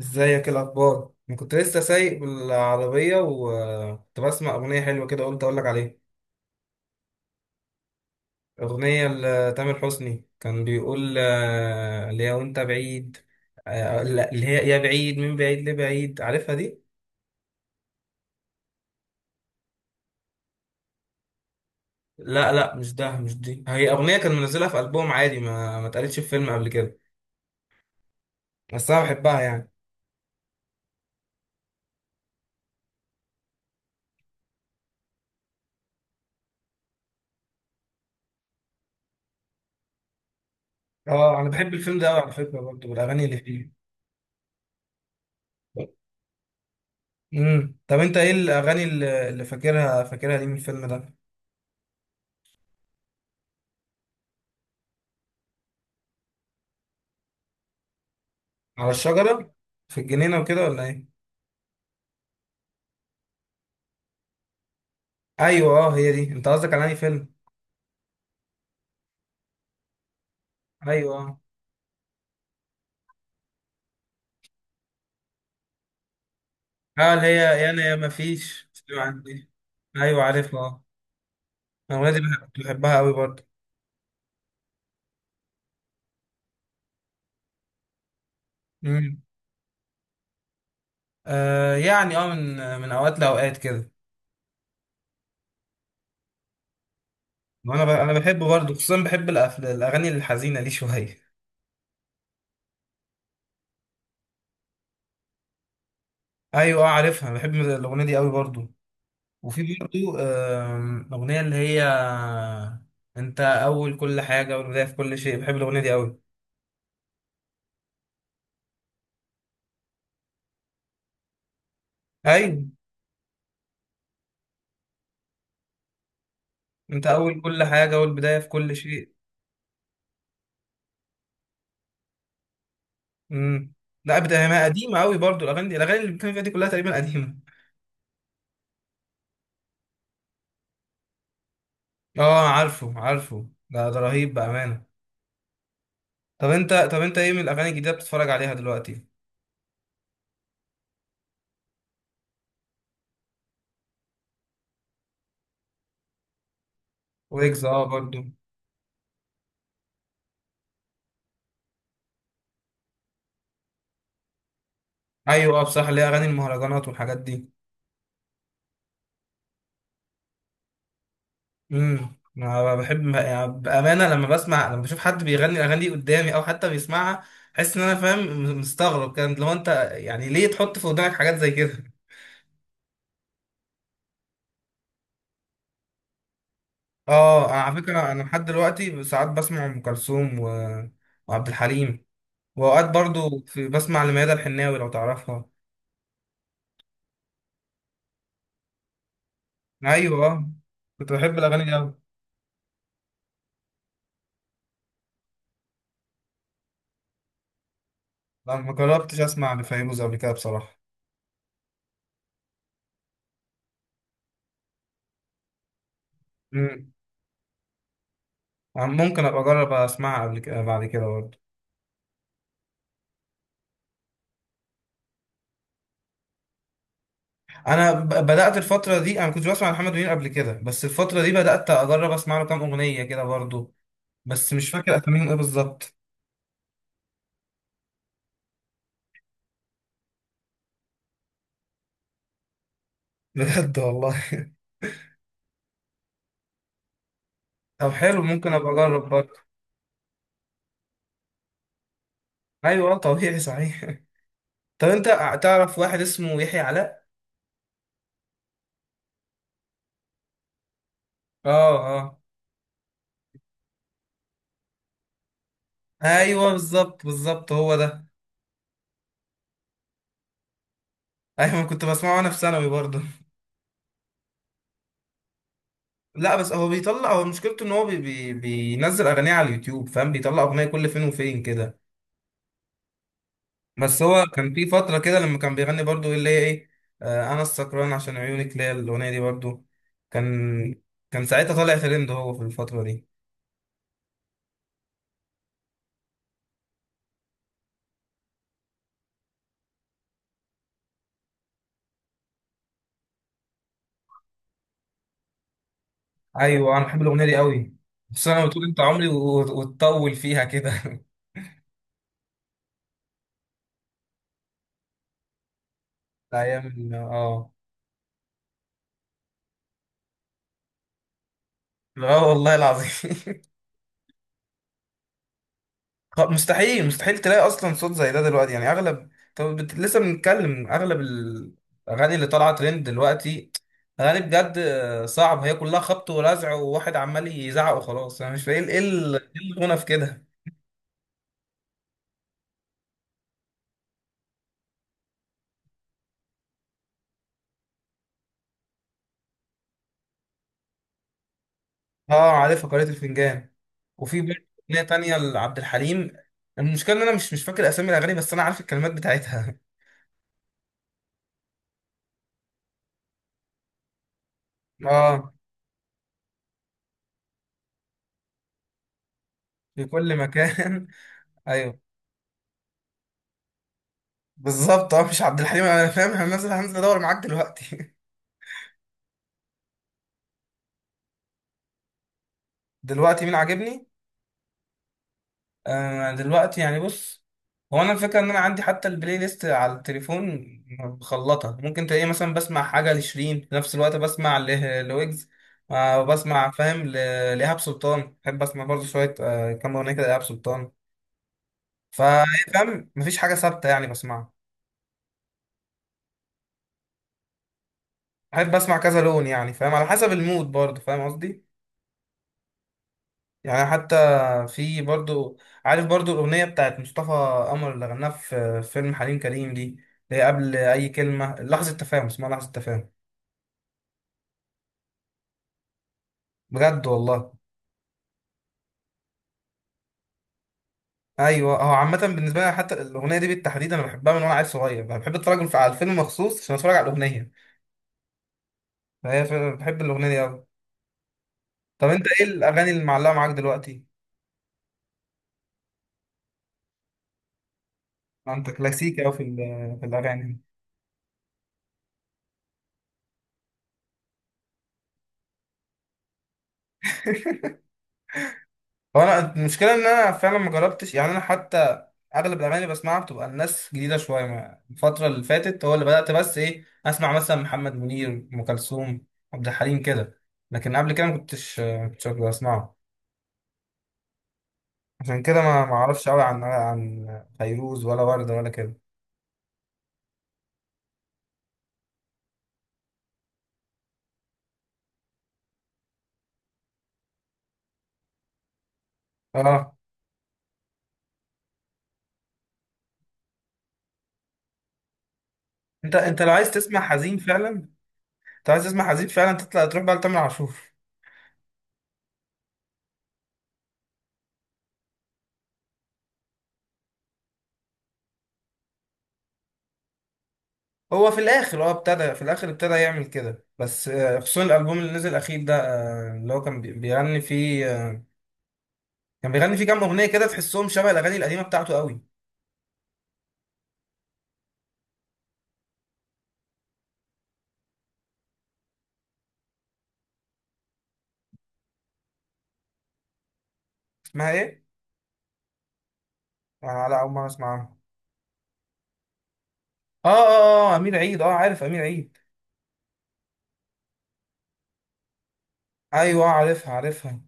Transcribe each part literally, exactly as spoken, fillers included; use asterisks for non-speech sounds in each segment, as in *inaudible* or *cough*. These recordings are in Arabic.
ازيك؟ إيه الاخبار؟ انا كنت لسه سايق بالعربيه وكنت بسمع اغنيه حلوه كده، قلت اقول لك عليها. اغنيه لتامر حسني كان بيقول آه، اللي هي وانت بعيد. آه، لا، اللي هي يا بعيد، من بعيد لبعيد، عارفها دي. لا لا، مش ده مش دي، هي اغنيه كان منزلها في البوم عادي، ما ما اتقالتش في فيلم قبل كده. بس انا بحبها يعني. اه، انا بحب الفيلم ده قوي على فكره برضه، والاغاني اللي فيه. امم طب انت ايه الاغاني اللي اللي فاكرها فاكرها دي من الفيلم ده؟ على الشجرة، في الجنينة وكده ولا ايه؟ ايوه، اه، هي دي. انت قصدك على انهي فيلم؟ ايوه، اه. اه، اللي هي يا انا يا ما فيش، سمع عنها دي. ايوه، عارفها، اه. الاغنية دي بحب- بحبها قوي برضه. امم. آه يعني، اه من من اوقات لاوقات كده. وانا ب... انا بحبه برضه، خصوصا بحب الأف... الاغاني الحزينة دي *laughs* شوية. ايوه، اه، عارفها، بحب الاغنية دي قوي برضه. وفي برضه آم، اغنية اللي هي آه، انت اول كل حاجة والبداية في كل شيء، بحب الاغنية دي قوي. ايوه، انت اول كل حاجه، اول بدايه في كل شيء. امم. لا، بدايه ما قديمه قوي برضو الاغاني دي، الاغاني اللي بتكلم فيها دي كلها تقريبا قديمه. اه، عارفه عارفه، ده ده رهيب بامانه. طب انت طب انت ايه من الاغاني الجديده بتتفرج عليها دلوقتي؟ ويجز، اه، برضو. ايوه، اه، بصراحه، ليه اغاني المهرجانات والحاجات دي؟ امم انا بحب يعني بامانه، لما بسمع لما بشوف حد بيغني الاغاني دي قدامي او حتى بيسمعها، احس ان انا، فاهم، مستغرب، كان لو انت، يعني ليه تحط في ودانك حاجات زي كده؟ اه، على فكرة، انا لحد دلوقتي ساعات بسمع ام كلثوم و... وعبد الحليم. واوقات برضو في بسمع لميادة الحناوي، لو تعرفها. ايوه آه. كنت بحب الاغاني دي اوي. لا، ما جربتش اسمع لفيروز قبل كده بصراحة. مم. آه، ممكن ابقى اجرب اسمعها قبل كده، بعد كده برضه. انا ب- بدات الفتره دي، انا كنت بسمع محمد منير قبل كده، بس الفتره دي بدات اجرب اسمع له كام اغنيه كده برضه. بس مش فاكر اساميهم ايه بالظبط. بجد والله. *laughs* طب حلو، ممكن ابقى اجرب برضه. ايوه، آه، طبيعي صحيح. طب انت، تعرف واحد اسمه يحيى علاء؟ اه اه، ايوه، بالظبط بالظبط، هو ده. ايوه، كنت بسمعه وانا في ثانوي برضه. لا، بس هو بيطلع، هو مشكلته ان هو بي بي بينزل اغانيه على اليوتيوب، فاهم، بيطلع اغنيه كل فين وفين كده. بس هو كان في فتره كده لما كان بيغني برضه، اللي هي ايه، آه انا السكران عشان عيونك ليا، الاغنيه دي برضه. كان كان ساعتها طالع ترند هو في الفتره دي. ايوه، انا بحب الاغنيه دي قوي. بس انا بتقول انت عمري و- وتطول فيها كده *laughs* ايام ال- اه. اه، والله العظيم *laughs* خ- مستحيل مستحيل تلاقي اصلا صوت زي ده دلوقتي، يعني اغلب، طب، بت... لسه بنتكلم، اغلب الاغاني اللي طالعه ترند دلوقتي، اغاني بجد، آه، صعب، هي كلها خبط ولزع، وواحد عمال يزعق وخلاص، انا مش فاهم ايه ال- إيه الغنى في كده؟ اه، عارفها، قارئة الفنجان. وفي برضه اغنيه تانية لعبد الحليم. المشكله ان انا مش مش فاكر اسامي الاغاني، بس انا عارف الكلمات بتاعتها. *laughs* اه، في كل مكان *laughs* ايوه، بالظبط، اه، مش عبد الحليم، انا فاهم، انا نازل هنزل ادور معاك دلوقتي. دلوقتي مين عاجبني؟ آه دلوقتي يعني، بص، هو انا الفكره ان انا عندي حتى البلاي ليست على التليفون مخلطه، ممكن تلاقيه مثلا بسمع حاجه لشيرين في نفس الوقت بسمع ل- لويجز. آه بسمع، فاهم، ل- لإيهاب سلطان، بحب اسمع برضه شويه، آه كام اغنيه كده لإيهاب سلطان. فا- فاهم، مفيش حاجه ثابته يعني بسمعها. بحب اسمع كذا لون، يعني فاهم، على حسب المود برضه، فاهم قصدي؟ يعني حتى، في برضو، عارف برضو الأغنية بتاعت مصطفى قمر اللي غناها في فيلم حليم كريم دي، اللي هي قبل أي كلمة، لحظة تفاهم، اسمها لحظة تفاهم. بجد والله. أيوة، هو عامة بالنسبة لي حتى الأغنية دي بالتحديد أنا بحبها من وأنا عيل صغير، بحب أتفرج على الفيلم مخصوص عشان أتفرج على الأغنية. فهي فعلا، بحب الأغنية دي أوي. طب أنت إيه الأغاني اللي معلقة معاك دلوقتي؟ أنت كلاسيكي أوي في ال- في الأغاني. هو انا المشكله ان انا فعلا ما جربتش يعني، انا حتى اغلب الاغاني اللي بسمعها بتبقى الناس جديده شويه، ما- الفتره اللي فاتت هو اللي بدات، بس ايه، اسمع مثلا محمد منير، ام كلثوم، عبد الحليم كده. لكن قبل كده ما كنتش ما كنتش بسمعه. عشان كده ما ما اعرفش قوي عن عن فيروز ولا ورده ولا كده. اه، انت انت لو عايز تسمع حزين فعلا، انت عايز تسمع حزين فعلا، تطلع تروح بقى لتامر عاشور. هو في الاخر هو ابتدى في الاخر ابتدى يعمل كده، بس آه، خصوصا الالبوم اللي نزل الاخير ده، آه، اللي هو كان بي- بيغني فيه آه، كان بيغني فيه كام اغنيه كده تحسهم شبه الاغاني القديمه بتاعته قوي. اسمها ايه؟ آه لا، اول مره اسمعها. اه اه اه، آه، امير عيد، اه، عارف امير عيد. ايوه، آه، عارفها عارفها.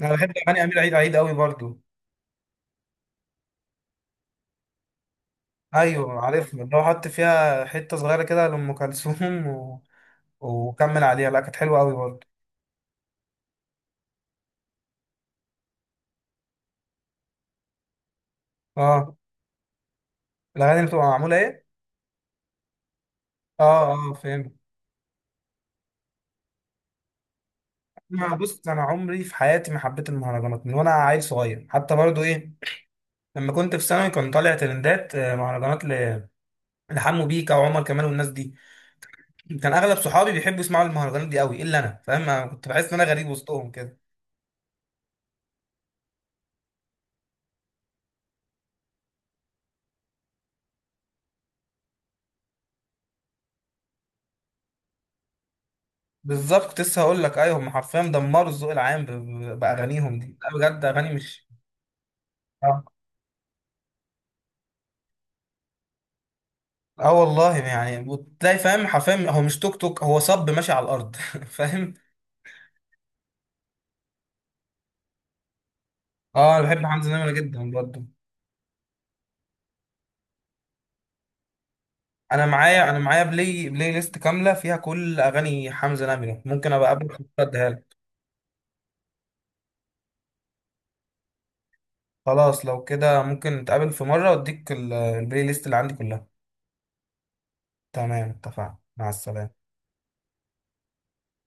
انا بحب اغاني امير عيد عيد قوي برضو. ايوه، عارفها، اللي هو حط فيها حته صغيره كده لام كلثوم و... وكمل عليها، لا كانت حلوه قوي برضو. اه، الاغاني اللي بتبقى معموله ايه؟ اه اه، فهمت. ما بص، انا عمري في حياتي ما حبيت المهرجانات من وانا عيل صغير، حتى برضو ايه، لما كنت في ثانوي كان طالع ترندات، آه، مهرجانات ل لحمو بيكا وعمر كمال والناس دي. كان اغلب صحابي بيحبوا يسمعوا المهرجانات دي قوي الا انا، فاهم، أنا كنت بحس ان انا غريب وسطهم كده. بالظبط، كنت لسه هقول لك، ايوه، هم حرفيا دمروا الذوق العام ب- ب- باغانيهم دي، لا بجد اغاني مش. اه، آه والله يعني، وتلاقي، فاهم، حرفيا هو مش توك توك، هو صب ماشي على الارض *laughs* فاهم. اه، انا بحب حمزة نمرة جدا برضه. انا معايا انا معايا بلاي بلاي ليست كامله فيها كل اغاني حمزة نمرة، ممكن ابقى اقابلك اديها لك. خلاص، لو كده ممكن نتقابل في مره واديك ال- البلاي ليست اللي عندي كلها. تمام، اتفقنا، مع السلامه.